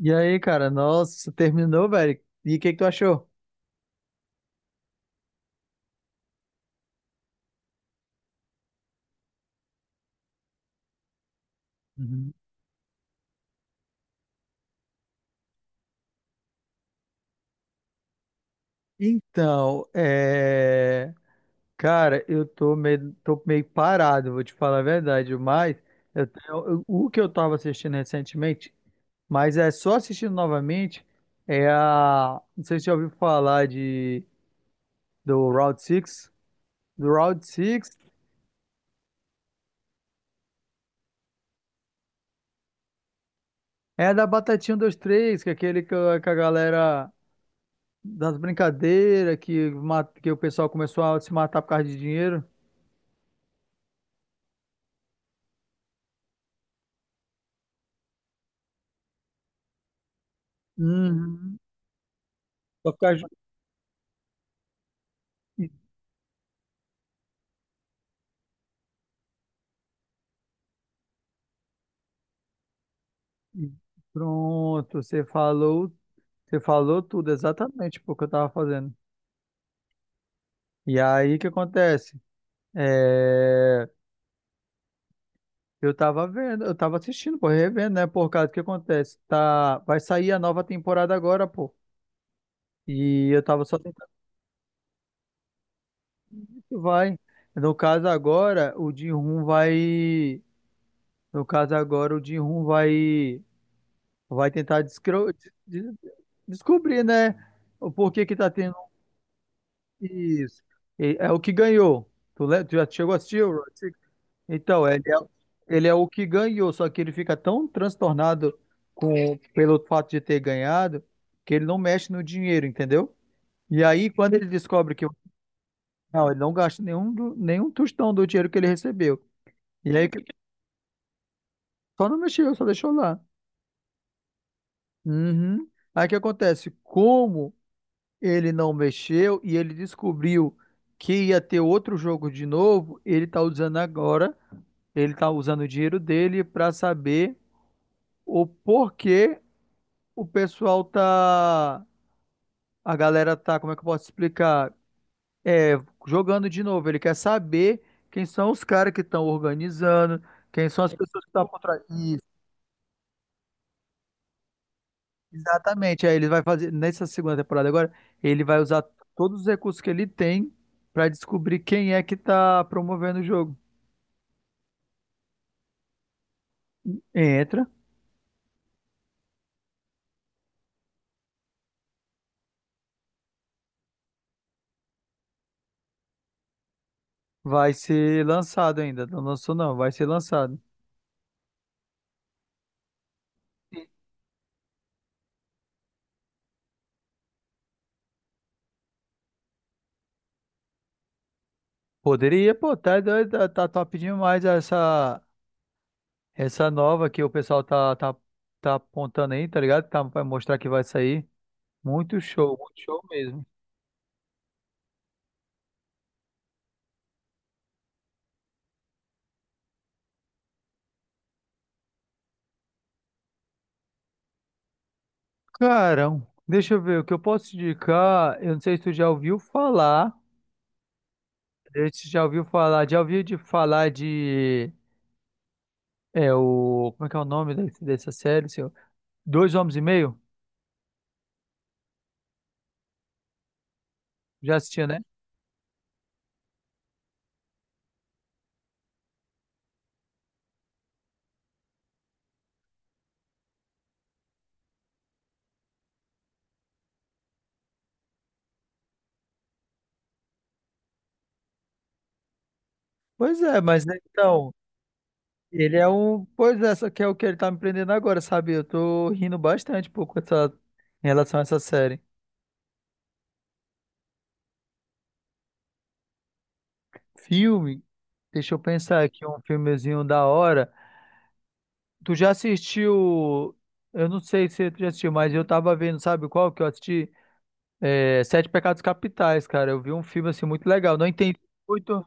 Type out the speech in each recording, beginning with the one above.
E aí, cara, nossa, terminou, velho. E o que que tu achou? Uhum. Então, é... Cara, eu tô meio parado, vou te falar a verdade, mas o que eu tava assistindo recentemente, mas é só assistindo novamente, Não sei se você já ouviu falar do Route Six. Do Route Six é a da Batatinha um, dois três, que é aquele que a galera... das brincadeiras, que o pessoal começou a se matar por causa de dinheiro. Uhum. Pra ficar ju- e- e- Pronto, você falou tudo exatamente tipo o que eu tava fazendo. E aí o que acontece? É, eu tava vendo, eu tava assistindo, pô, revendo, né? Por causa do que acontece. Tá, vai sair a nova temporada agora, pô. E eu tava só tentando que vai. No caso agora, o Jin-Hoon vai, no caso agora o Jin-Hoon vai vai tentar descobrir, né? O porquê que tá tendo. Isso. E é o que ganhou. Tu já chegou a assistir o Round Six? Então, ele é o que ganhou, só que ele fica tão transtornado com, pelo fato de ter ganhado, que ele não mexe no dinheiro, entendeu? E aí, quando ele descobre que... Não, ele não gasta nenhum, nenhum tostão do dinheiro que ele recebeu. E aí, que- só não mexeu, só deixou lá. Uhum. Aí o que acontece? Como ele não mexeu, e ele descobriu que ia ter outro jogo de novo. Ele está usando agora, ele está usando o dinheiro dele para saber o porquê o pessoal tá, a galera tá, como é que eu posso explicar? É, jogando de novo. Ele quer saber quem são os caras que estão organizando, quem são as pessoas que estão por trás. Exatamente. Aí ele vai fazer, nessa segunda temporada agora, ele vai usar todos os recursos que ele tem pra descobrir quem é que tá promovendo o jogo. Entra. Vai ser lançado ainda. Não lançou, não, vai ser lançado. Poderia, pô, tá doido, tá top demais essa, essa nova que o pessoal tá apontando aí, tá ligado? Tá, vai mostrar que vai sair. Muito show mesmo. Carão, deixa eu ver o que eu posso te indicar. Eu não sei se tu já ouviu falar. Você já ouviu falar, já ouviu de falar de... é o, como é que é o nome dessa série, seu? Dois Homens e Meio? Já assistiu, né? Pois é, mas né, então, ele é um, pois é, só que é o que ele tá me prendendo agora, sabe? Eu tô rindo bastante um pouco essa em relação a essa série. Filme, deixa eu pensar aqui um filmezinho da hora. Tu já assistiu? Eu não sei se tu já assistiu, mas eu tava vendo, sabe qual que eu assisti? É, Sete Pecados Capitais, cara. Eu vi um filme assim muito legal. Não entendi muito.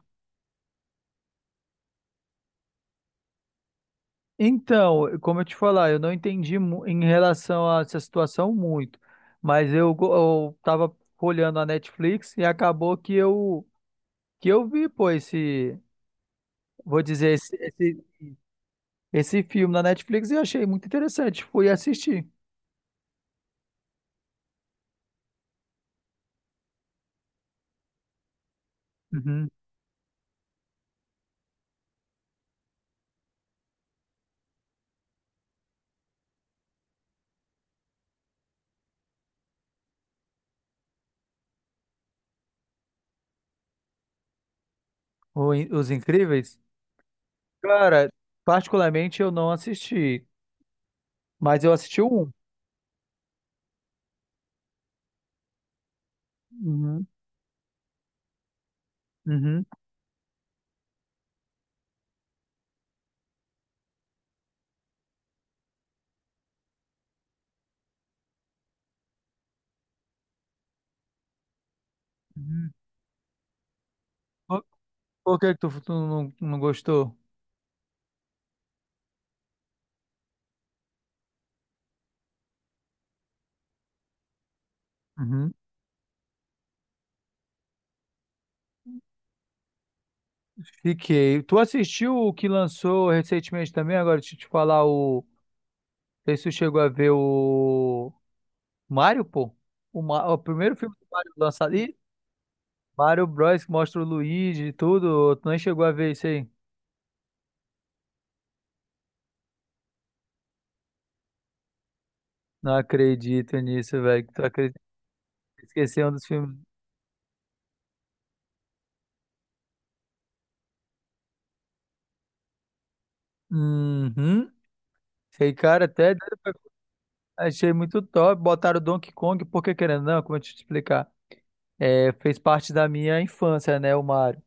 Então, como eu te falar, eu não entendi mu- em relação a essa situação muito, mas eu tava olhando a Netflix e acabou que eu vi, pô, esse, vou dizer, esse filme na Netflix e achei muito interessante, fui assistir. Uhum. Os Incríveis? Cara, particularmente eu não assisti, mas eu assisti o um. Uhum. Uhum. Uhum. Por, por que que tu não, não gostou? Fiquei. Tu assistiu o que lançou recentemente também? Agora, deixa eu te falar o... Não sei se tu chegou a ver o... Mario, pô? O, o primeiro filme do Mario lançado. Ih, Mario Bros. Que mostra o Luigi e tudo. Tu nem chegou a ver isso aí? Não acredito nisso, velho. Tu acredita? Que esqueceu um dos filmes. Uhum. Sei, cara, até doido pra- achei muito top. Botaram o Donkey Kong, porque querendo ou não, como eu te explicar? É, fez parte da minha infância, né, o Mario.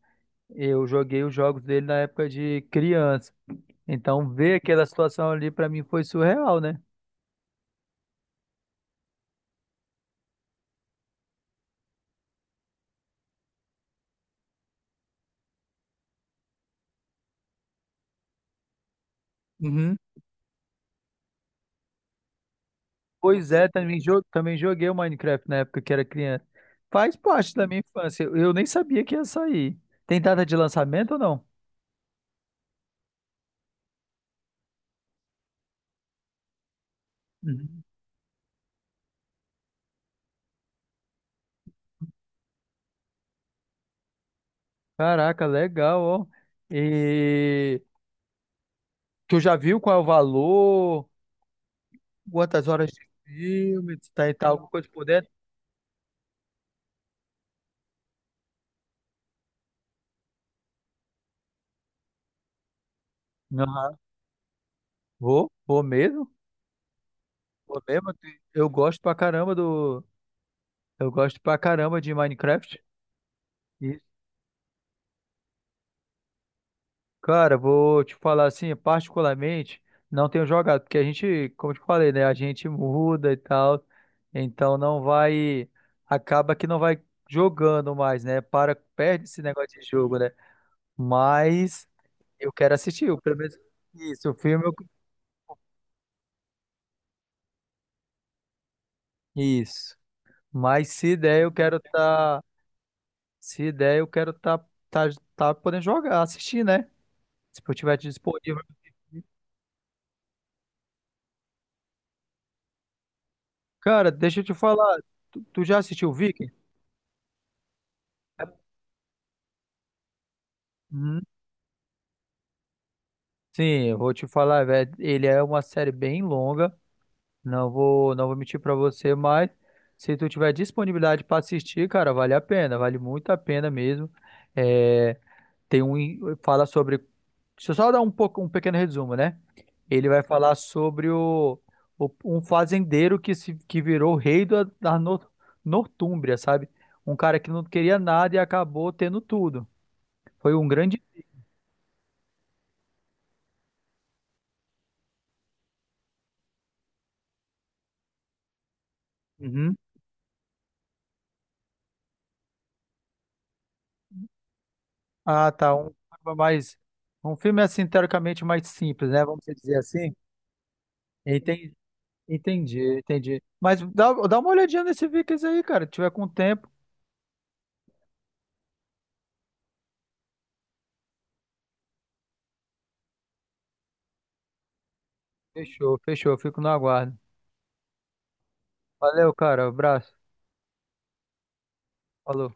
Eu joguei os jogos dele na época de criança. Então, ver aquela situação ali pra mim foi surreal, né? Uhum. Pois é, também, também joguei o Minecraft na época que era criança. Faz parte da minha infância. Eu nem sabia que ia sair. Tem data de lançamento ou não? Uhum. Caraca, legal, ó. E tu já viu qual é o valor? Quantas horas de filme? Se tá e tal, alguma coisa por dentro? Aham. Vou, vou mesmo. Vou mesmo. Eu gosto pra caramba do... Eu gosto pra caramba de Minecraft. Cara, vou te falar assim, particularmente, não tenho jogado, porque a gente, como eu te falei, né? A gente muda e tal, então não vai, acaba que não vai jogando mais, né? Para, perde esse negócio de jogo, né? Mas eu quero assistir, o pelo menos isso, o filme. Isso. Mas se der, eu quero tá, se der, eu quero tá, tá, tá podendo jogar, assistir, né? Se eu tiver disponível. Cara, deixa eu te falar, tu já assistiu Viking? Sim, eu vou te falar, velho, ele é uma série bem longa, não vou mentir pra você, mas se tu tiver disponibilidade pra assistir, cara, vale a pena, vale muito a pena mesmo. É, tem um, fala sobre, deixa eu só dar um pouco, um pequeno resumo, né? Ele vai falar sobre um fazendeiro que se que virou rei da Nortúmbria, sabe? Um cara que não queria nada e acabou tendo tudo. Foi um grande... Uhum. Ah, tá. Um filme mais... Um filme assim, teoricamente, mais simples, né? Vamos dizer assim. Entendi, entendi, entendi. Mas dá, dá uma olhadinha nesse Vikings aí, cara. Se tiver com tempo. Fechou, fechou. Fico no aguardo. Valeu, cara. Abraço. Falou.